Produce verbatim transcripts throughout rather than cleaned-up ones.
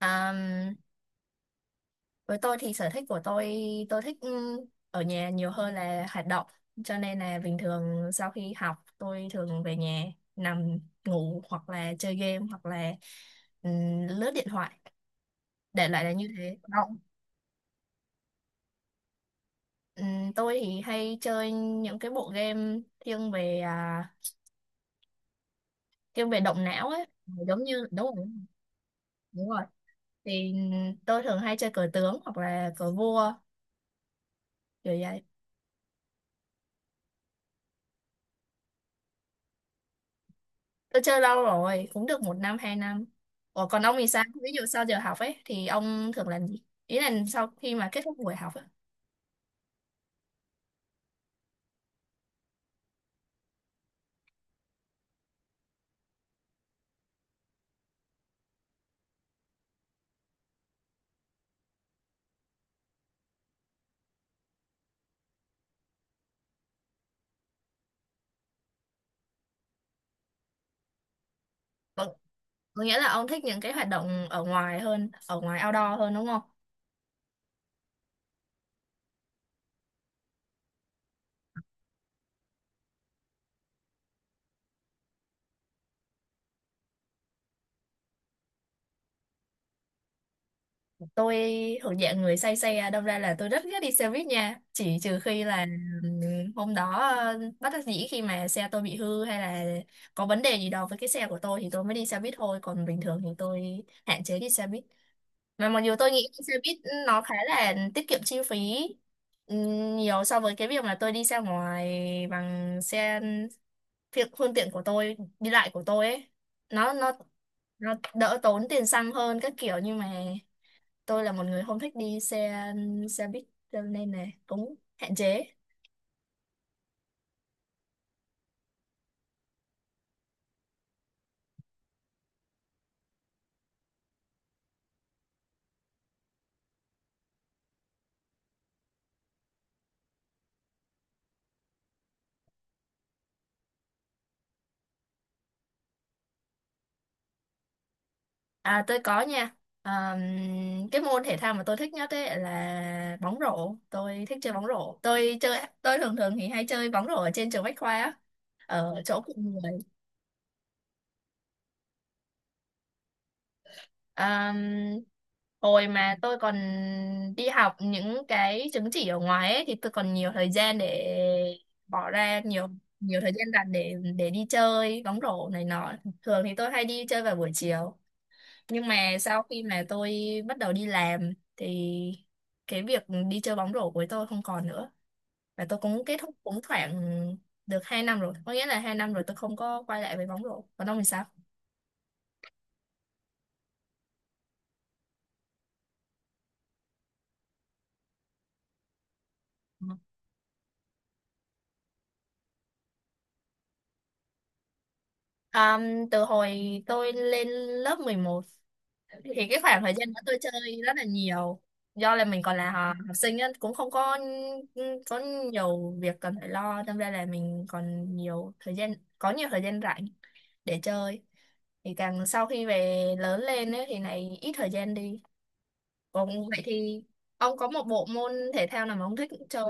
À, với tôi thì sở thích của tôi tôi thích ừ, ở nhà nhiều hơn là hoạt động, cho nên là bình thường sau khi học tôi thường về nhà nằm ngủ hoặc là chơi game hoặc là ừ, lướt điện thoại để lại là như thế động. Ừ, tôi thì hay chơi những cái bộ game thiên về à, thiên về động não ấy, giống như đúng rồi, đúng rồi, thì tôi thường hay chơi cờ tướng hoặc là cờ vua kiểu vậy. Tôi chơi lâu rồi, cũng được một năm, hai năm. Ủa còn ông thì sao? Ví dụ sau giờ học ấy, thì ông thường làm gì? Ý là sau khi mà kết thúc buổi học ấy. Có có nghĩa là ông thích những cái hoạt động ở ngoài hơn, ở ngoài outdoor hơn đúng không? Tôi thuộc dạng người say xe, đâm ra là tôi rất ghét đi xe buýt nha. Chỉ trừ khi là ừm, hôm đó ờ, bất đắc dĩ khi mà xe tôi bị hư hay là có vấn đề gì đó với cái xe của tôi thì tôi mới đi xe buýt thôi. Còn bình thường thì tôi hạn chế đi xe buýt. Mà mặc dù tôi nghĩ xe buýt nó khá là tiết kiệm chi phí ừm, nhiều so với cái việc mà tôi đi ra ngoài bằng xe phương, phương tiện của tôi, đi lại của tôi ấy. Nó nó nó đỡ tốn tiền xăng hơn các kiểu, nhưng mà tôi là một người không thích đi xe xe buýt cho nên là cũng hạn chế. À, tôi có nha. À, cái môn thể thao mà tôi thích nhất ấy là bóng rổ. Tôi thích chơi bóng rổ. Tôi chơi, tôi thường thường thì hay chơi bóng rổ ở trên trường Bách Khoa á, ở chỗ của người. À, hồi mà tôi còn đi học những cái chứng chỉ ở ngoài ấy, thì tôi còn nhiều thời gian để bỏ ra nhiều nhiều thời gian rảnh để để đi chơi bóng rổ này nọ. Thường thì tôi hay đi chơi vào buổi chiều. Nhưng mà sau khi mà tôi bắt đầu đi làm thì cái việc đi chơi bóng rổ của tôi không còn nữa, và tôi cũng kết thúc cũng khoảng được hai năm rồi, có nghĩa là hai năm rồi tôi không có quay lại với bóng rổ. Còn ông thì sao? Ừ. Ờm, từ hồi tôi lên lớp mười một thì cái khoảng thời gian đó tôi chơi rất là nhiều, do là mình còn là họ- học sinh á, cũng không có có nhiều việc cần phải lo, đâm ra là mình còn nhiều thời gian, có nhiều thời gian rảnh để chơi. Thì càng sau khi về lớn lên ấy, thì này ít thời gian đi. Còn vậy thì ông có một bộ môn thể thao nào mà ông thích chơi?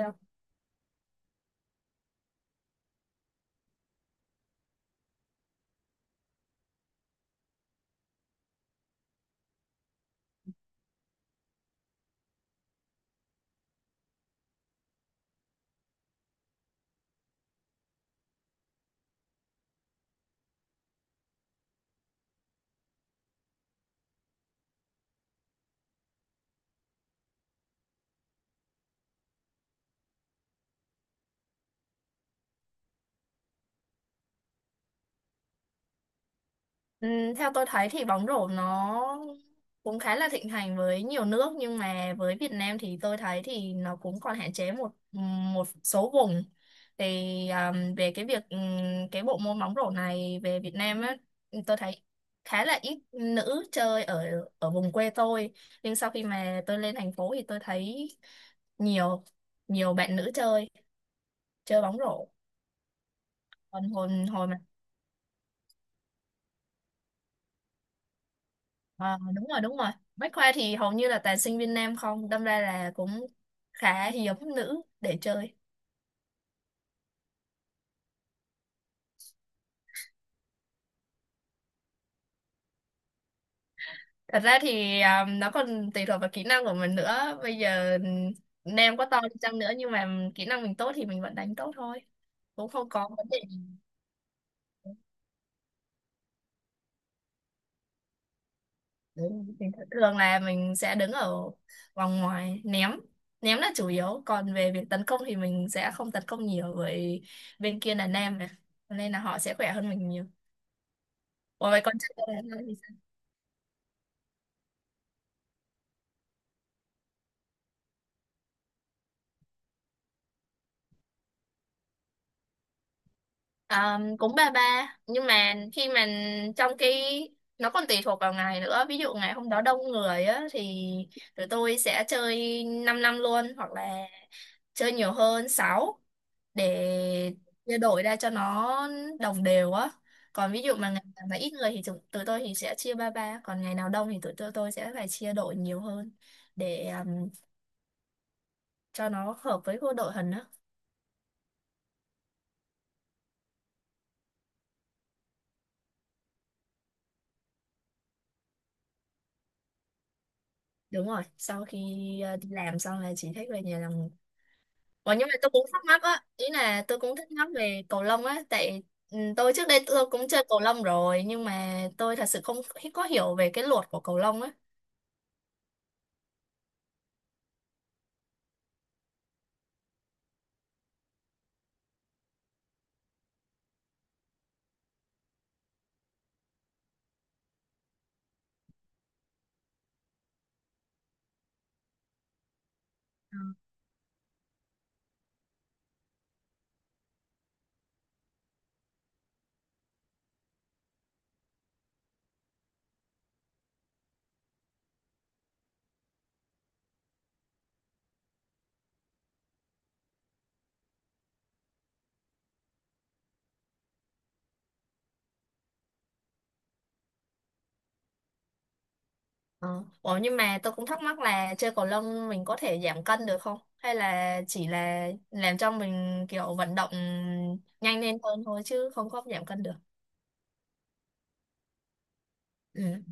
Ừ, theo tôi thấy thì bóng rổ nó cũng khá là thịnh hành với nhiều nước, nhưng mà với Việt Nam thì tôi thấy thì nó cũng còn hạn chế một một số vùng. Thì um, về cái việc um, cái bộ môn bóng rổ này về Việt Nam á, tôi thấy khá là ít nữ chơi ở ở vùng quê tôi. Nhưng sau khi mà tôi lên thành phố thì tôi thấy nhiều nhiều bạn nữ chơi chơi bóng rổ. Còn hồi hồi mà Ờ, đúng rồi, đúng rồi, bách khoa thì hầu như là toàn sinh viên nam không, đâm ra là cũng khá hiếm nữ để chơi. Thật ra thì à, nó còn tùy thuộc vào kỹ năng của mình nữa, bây giờ ừm, nam có to đi chăng nữa nhưng mà kỹ năng mình tốt thì mình vẫn đánh tốt thôi, cũng không có vấn đề gì. Đấy, mình thường là mình sẽ đứng ở vòng ngoài ném, ném là chủ yếu, còn về việc tấn công thì mình sẽ không tấn công nhiều, bởi bên kia là nam mà. Cho nên là họ sẽ khỏe hơn mình nhiều. Ủa vậy con trai Ờ, cũng ba ba, nhưng mà khi mà trong cái nó còn tùy thuộc vào ngày nữa, ví dụ ngày hôm đó đông người á thì tụi tôi sẽ chơi 5 năm năm luôn hoặc là chơi nhiều hơn sáu để chia đổi ra cho nó đồng đều á. Còn ví dụ mà ngày nào mà ít người thì tụi, tụi tôi thì sẽ chia ba ba, còn ngày nào đông thì tụi tôi, tôi sẽ phải chia đội nhiều hơn để ừm, cho nó hợp với cô đội hình á. Đúng rồi, sau khi ờ, đi làm xong là chỉ thích về nhà làm. Ủa, nhưng mà tôi cũng thắc mắc á, ý là tôi cũng thắc mắc về cầu lông á, tại ừ, tôi trước đây tôi cũng chơi cầu lông rồi, nhưng mà tôi thật sự không hi- có hiểu về cái luật của cầu lông á. Ờ. Ủa, nhưng mà tôi cũng thắc mắc là chơi cầu lông mình có thể giảm cân được không? Hay là chỉ là làm cho mình kiểu vận động nhanh lên hơn thôi chứ không có giảm cân được. Ừ.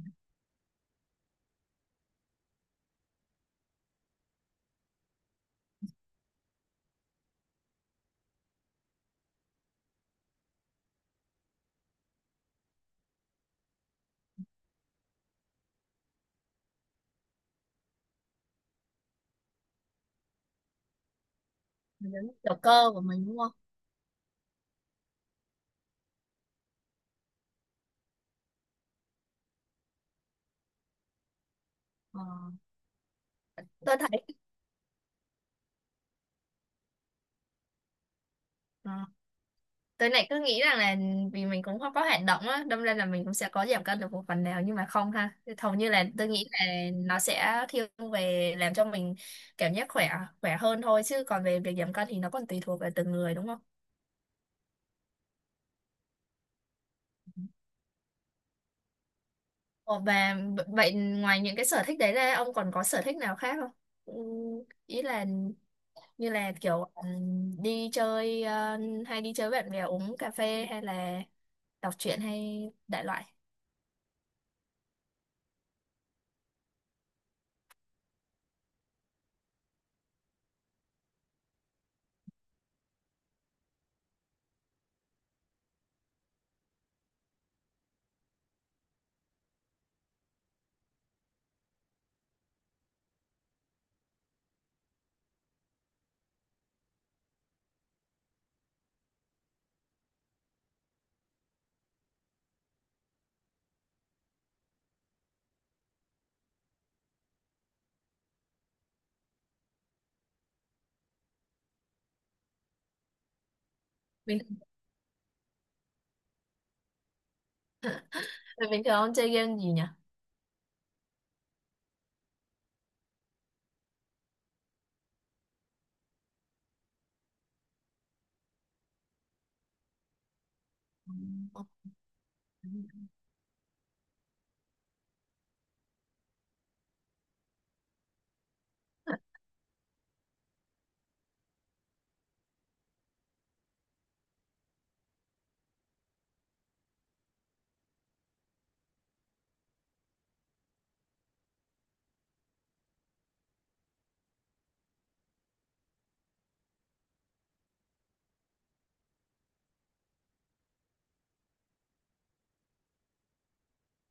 Đúng. Kiểu cơ của mình đúng không? Ờ. Tôi thấy. Tôi lại cứ nghĩ rằng là ừ, vì mình cũng không có hoạt động á, đâm ra là mình cũng sẽ có giảm cân được một phần nào, nhưng mà không ha. Hầu như là tôi nghĩ là nó sẽ thiên về làm cho mình cảm giác khỏe, khỏe hơn thôi, chứ còn về việc giảm cân thì nó còn tùy thuộc vào từng người đúng không? Ồ, và b- vậy ngoài những cái sở thích đấy ra ông còn có sở thích nào khác không? Ừ, ý là như là kiểu ừm, đi chơi ờ, hay đi chơi với bạn bè uống cà phê hay là đọc truyện hay đại loại. Bình, bình thường ông chơi game gì nhỉ?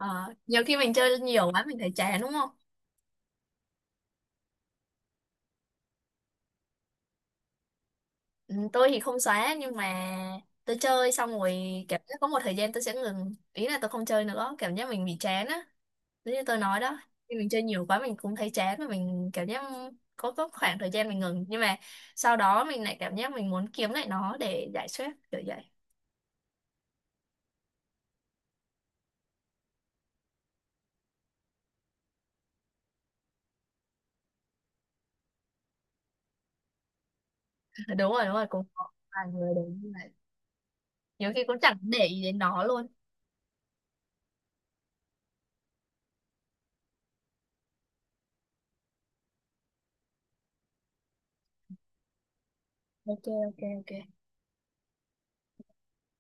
Ờ, nhiều khi mình chơi nhiều quá mình thấy chán đúng không? Ừ, tôi thì không xóa nhưng mà tôi chơi xong rồi cảm giác có một thời gian tôi sẽ ngừng, ý là tôi không chơi nữa, cảm giác mình bị chán á, giống như tôi nói đó, khi mình chơi nhiều quá mình cũng thấy chán và mình cảm giác có có khoảng thời gian mình ngừng, nhưng mà sau đó mình lại cảm giác mình muốn kiếm lại nó để giải stress kiểu vậy. Đúng rồi, đúng rồi, cũng có vài người đấy như vậy. Nhiều khi cũng chẳng để ý đến nó luôn. OK. OK, OK.